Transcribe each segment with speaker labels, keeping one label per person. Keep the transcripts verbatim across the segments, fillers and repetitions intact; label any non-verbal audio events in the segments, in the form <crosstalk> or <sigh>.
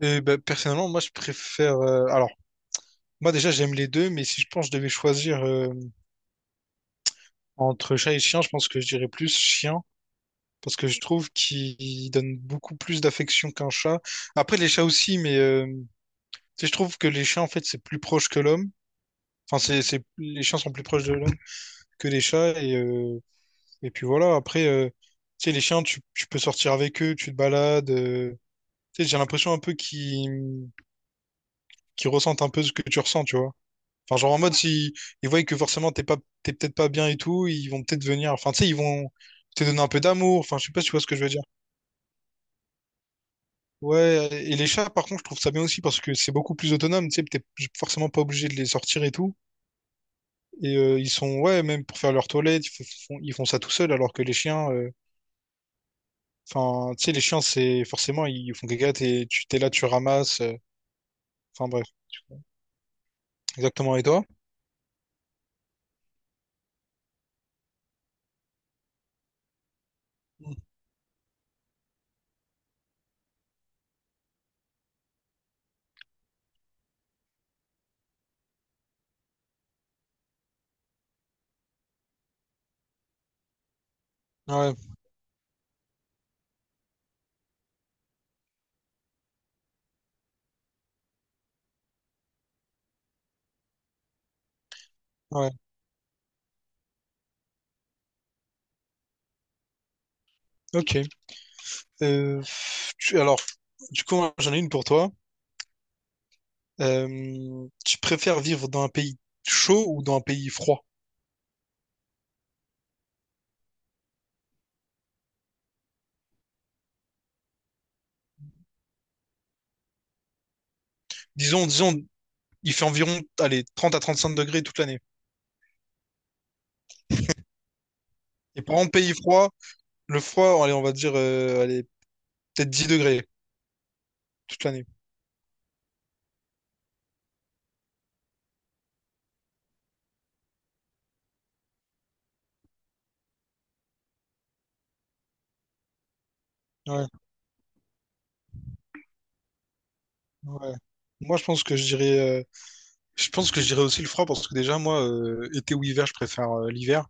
Speaker 1: Et ben, personnellement, moi, je préfère, euh, alors, moi, déjà, j'aime les deux, mais si je pense que je devais choisir euh, entre chat et chien, je pense que je dirais plus chien, parce que je trouve qu'il donne beaucoup plus d'affection qu'un chat. Après, les chats aussi, mais euh, tu sais, je trouve que les chiens, en fait, c'est plus proche que l'homme. Enfin, c'est, c'est... les chiens sont plus proches de l'homme que les chats, et, euh, et puis voilà. Après, euh, tu sais, les chiens, tu, tu peux sortir avec eux, tu te balades. euh, Tu sais, j'ai l'impression un peu qu'ils qu'ils ressentent un peu ce que tu ressens, tu vois. Enfin, genre en mode, si ils voient que forcément t'es pas, t'es peut-être pas bien et tout, ils vont peut-être venir. Enfin, tu sais, ils vont te donner un peu d'amour. Enfin, je sais pas si tu vois ce que je veux dire. Ouais, et les chats, par contre, je trouve ça bien aussi parce que c'est beaucoup plus autonome. Tu sais, t'es forcément pas obligé de les sortir et tout. Et euh, ils sont, ouais, même pour faire leur toilette, ils font, font- ils font ça tout seuls alors que les chiens, euh, enfin, tu sais, les chiens, c'est forcément, ils font caca, t'es, tu t'es là, tu ramasses. euh, Enfin, bref, exactement. Et toi? Mm. Ouais, ouais, ok. Euh, tu- alors, du coup, j'en ai une pour toi. Euh, tu préfères vivre dans un pays chaud ou dans un pays froid? Disons, disons, il fait environ, allez, trente à trente-cinq degrés toute l'année. Et par exemple, pays froid, le froid, allez, on va dire, euh, allez, peut-être dix degrés toute l'année. Ouais, ouais. Moi, je pense que je dirais, euh, je pense que je dirais aussi le froid parce que déjà, moi, euh, été ou hiver, je préfère euh, l'hiver.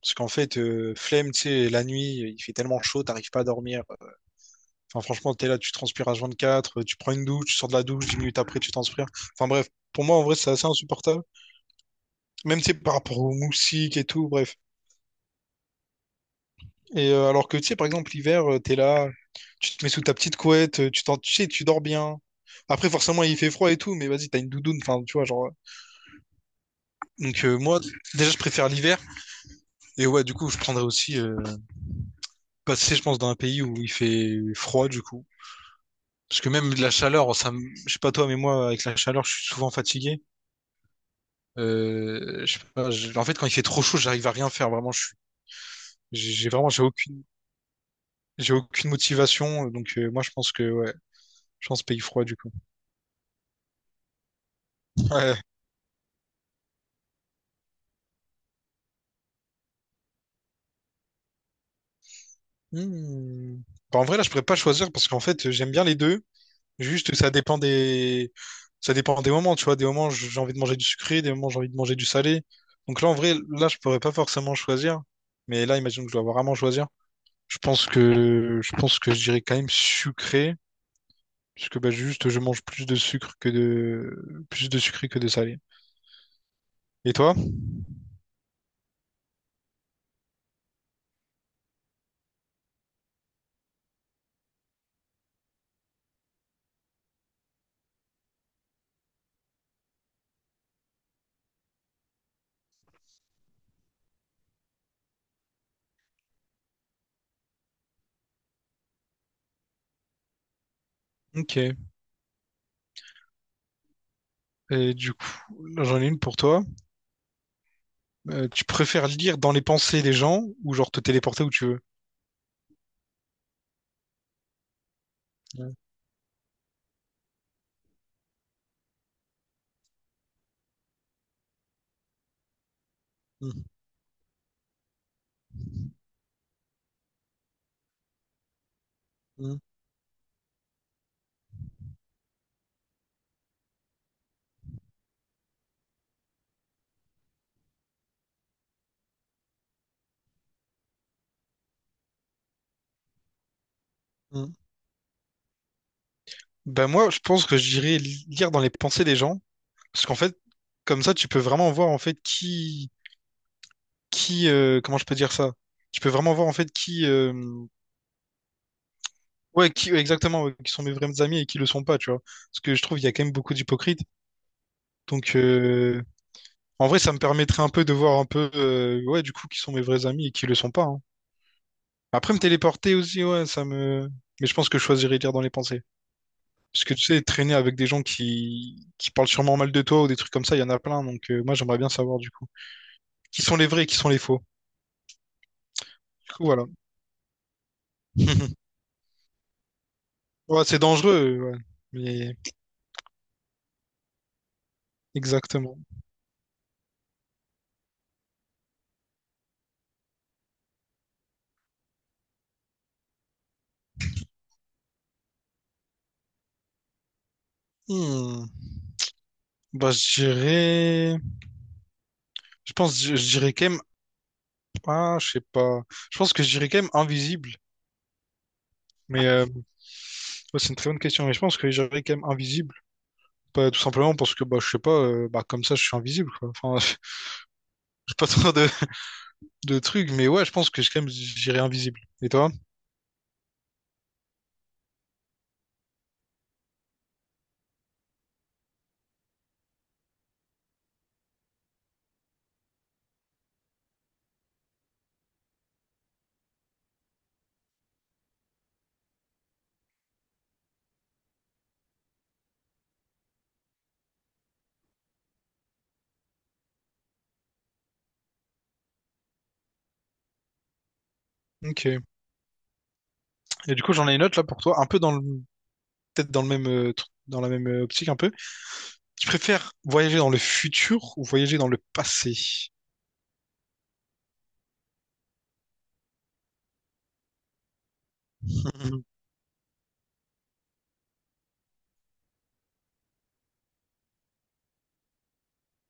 Speaker 1: Parce qu'en fait, euh, flemme, tu sais, la nuit, il fait tellement chaud, t'arrives pas à dormir. Enfin, franchement, t'es là, tu transpires h vingt-quatre, quatre, tu prends une douche, tu sors de la douche, dix minutes après, tu transpires. Enfin, bref, pour moi, en vrai, c'est assez insupportable. Même, tu sais, par rapport aux moustiques et tout, bref. Et euh, alors que, tu sais, par exemple, l'hiver, euh, t'es là, tu te mets sous ta petite couette, euh, tu t'en- tu sais, tu dors bien. Après, forcément, il fait froid et tout, mais vas-y, t'as une doudoune, enfin, tu vois, genre. euh. Donc, euh, moi, déjà, je préfère l'hiver. Et ouais, du coup, je prendrais aussi euh, passer, je pense, dans un pays où il fait froid, du coup. Parce que même de la chaleur, ça, me- je sais pas toi, mais moi, avec la chaleur, je suis souvent fatigué. Euh, je sais pas, je- En fait, quand il fait trop chaud, j'arrive à rien faire. Vraiment, je suis, j'ai j'ai vraiment, j'ai aucune, j'ai aucune motivation. euh, Donc, euh, moi, je pense que, ouais, je pense pays froid, du coup. Ouais. Hmm. Bah, en vrai, là, je pourrais pas choisir parce qu'en fait, j'aime bien les deux. Juste, ça dépend des, ça dépend des moments, tu vois. Des moments, j'ai envie de manger du sucré, des moments, j'ai envie de manger du salé. Donc là, en vrai, là, je pourrais pas forcément choisir. Mais là, imagine que je dois vraiment choisir. Je pense que, je pense que je dirais quand même sucré. Parce que bah, juste, je mange plus de sucre que de... plus de sucré que de salé. Et toi? Ok. Et du coup, là, j'en ai une pour toi. Euh, tu préfères lire dans les pensées des gens ou genre te téléporter où tu veux? Ouais. Mm, mm, mm. Ben moi, je pense que je dirais li- lire dans les pensées des gens, parce qu'en fait, comme ça, tu peux vraiment voir en fait qui, qui, euh, comment je peux dire ça? Tu peux vraiment voir en fait qui, euh, ouais, qui ouais, exactement, ouais, qui sont mes vrais amis et qui le sont pas, tu vois. Parce que je trouve qu'il y a quand même beaucoup d'hypocrites. Donc, euh, en vrai, ça me permettrait un peu de voir un peu, euh, ouais, du coup, qui sont mes vrais amis et qui le sont pas, hein. Après, me téléporter aussi, ouais, ça me. Mais je pense que je choisirais lire dans les pensées. Parce que tu sais, traîner avec des gens qui, qui parlent sûrement mal de toi ou des trucs comme ça, il y en a plein. Donc, euh, moi, j'aimerais bien savoir, du coup, qui sont les vrais et qui sont les faux. Du coup, voilà. <laughs> Ouais, c'est dangereux, ouais. Mais, exactement. Hmm. Bah, je dirais. Je pense, je, je dirais quand même. Ah, je sais pas. Je pense que je dirais quand même invisible. Mais, euh, ouais, c'est une très bonne question. Mais je pense que je dirais quand même invisible. Bah, tout simplement parce que bah, je sais pas, euh, bah, comme ça je suis invisible quoi. Enfin, <laughs> j'ai pas trop de, de trucs, mais ouais, je pense que je- quand même j'irai invisible. Et toi? Ok. Et du coup, j'en ai une autre là pour toi, un peu dans le, peut-être dans le même, euh, tr- dans la même euh, optique un peu. Tu préfères voyager dans le futur ou voyager dans le passé? Mhm.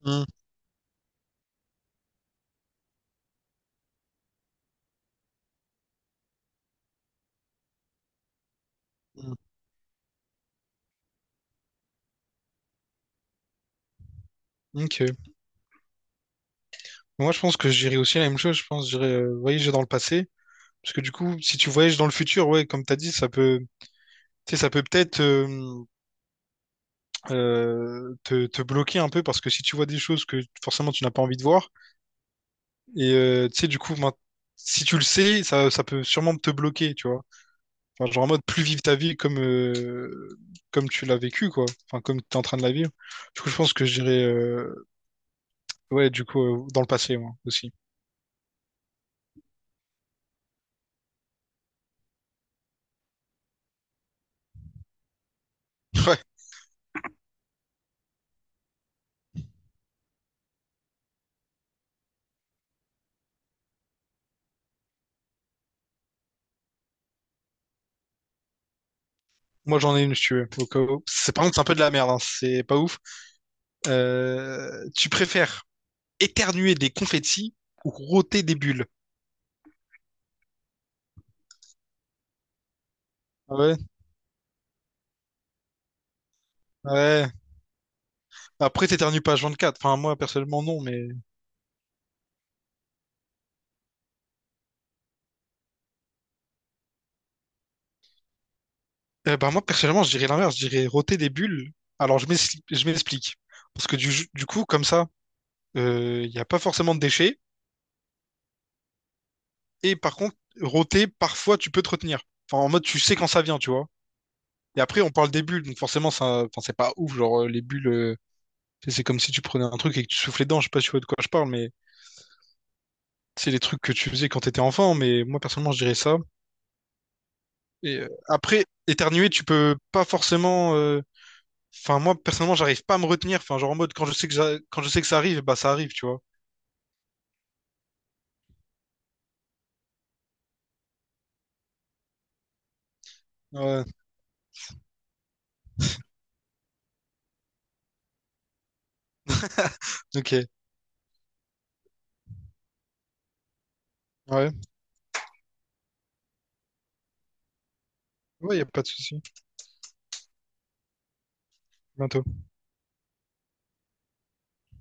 Speaker 1: Mhm. Mhm. <laughs> Ok. Moi, je pense que j'irai aussi la même chose. Je pense j'irai euh, voyager dans le passé. Parce que du coup, si tu voyages dans le futur, ouais, comme t'as dit, ça peut, tu sais, ça peut peut-être. euh, euh, te, te bloquer un peu parce que si tu vois des choses que forcément tu n'as pas envie de voir, et euh, tu sais, du coup, main- si tu le sais, ça, ça peut sûrement te bloquer, tu vois. Enfin, genre en mode plus vivre ta vie comme, euh, comme tu l'as vécu, quoi. Enfin, comme tu es en train de la vivre. Du coup, je pense que je dirais, euh, ouais, du coup, euh, dans le passé, moi aussi. <laughs> Ouais. Moi, j'en ai une, si tu veux, au cas où. C'est, par contre, c'est un peu de la merde, hein. C'est pas ouf. Euh, tu préfères éternuer des confettis ou rôter des bulles? Ah ouais, ouais. Après, t'éternues pas quatre. Enfin, moi, personnellement, non, mais. Eh ben, moi, personnellement, je dirais l'inverse. Je dirais roter des bulles. Alors, je m'ex- je m'explique. Parce que du, du coup, comme ça, euh, il n'y a pas forcément de déchets. Et par contre, roter, parfois, tu peux te retenir. Enfin, en mode, tu sais quand ça vient, tu vois. Et après, on parle des bulles. Donc, forcément, ça... enfin, c'est pas ouf. Genre, euh, les bulles, euh, c'est c'est comme si tu prenais un truc et que tu soufflais dedans. Je sais pas si tu vois de quoi je parle, mais c'est les trucs que tu faisais quand t'étais enfant. Mais moi, personnellement, je dirais ça. Et euh, après, éternuer, tu peux pas forcément. euh, Enfin, moi, personnellement, j'arrive pas à me retenir. Enfin, genre en mode, quand je sais que, j'a- quand je sais que ça arrive, bah ça arrive, tu vois. Ouais, ok. Ouais, ouais, y a pas de souci. Bientôt.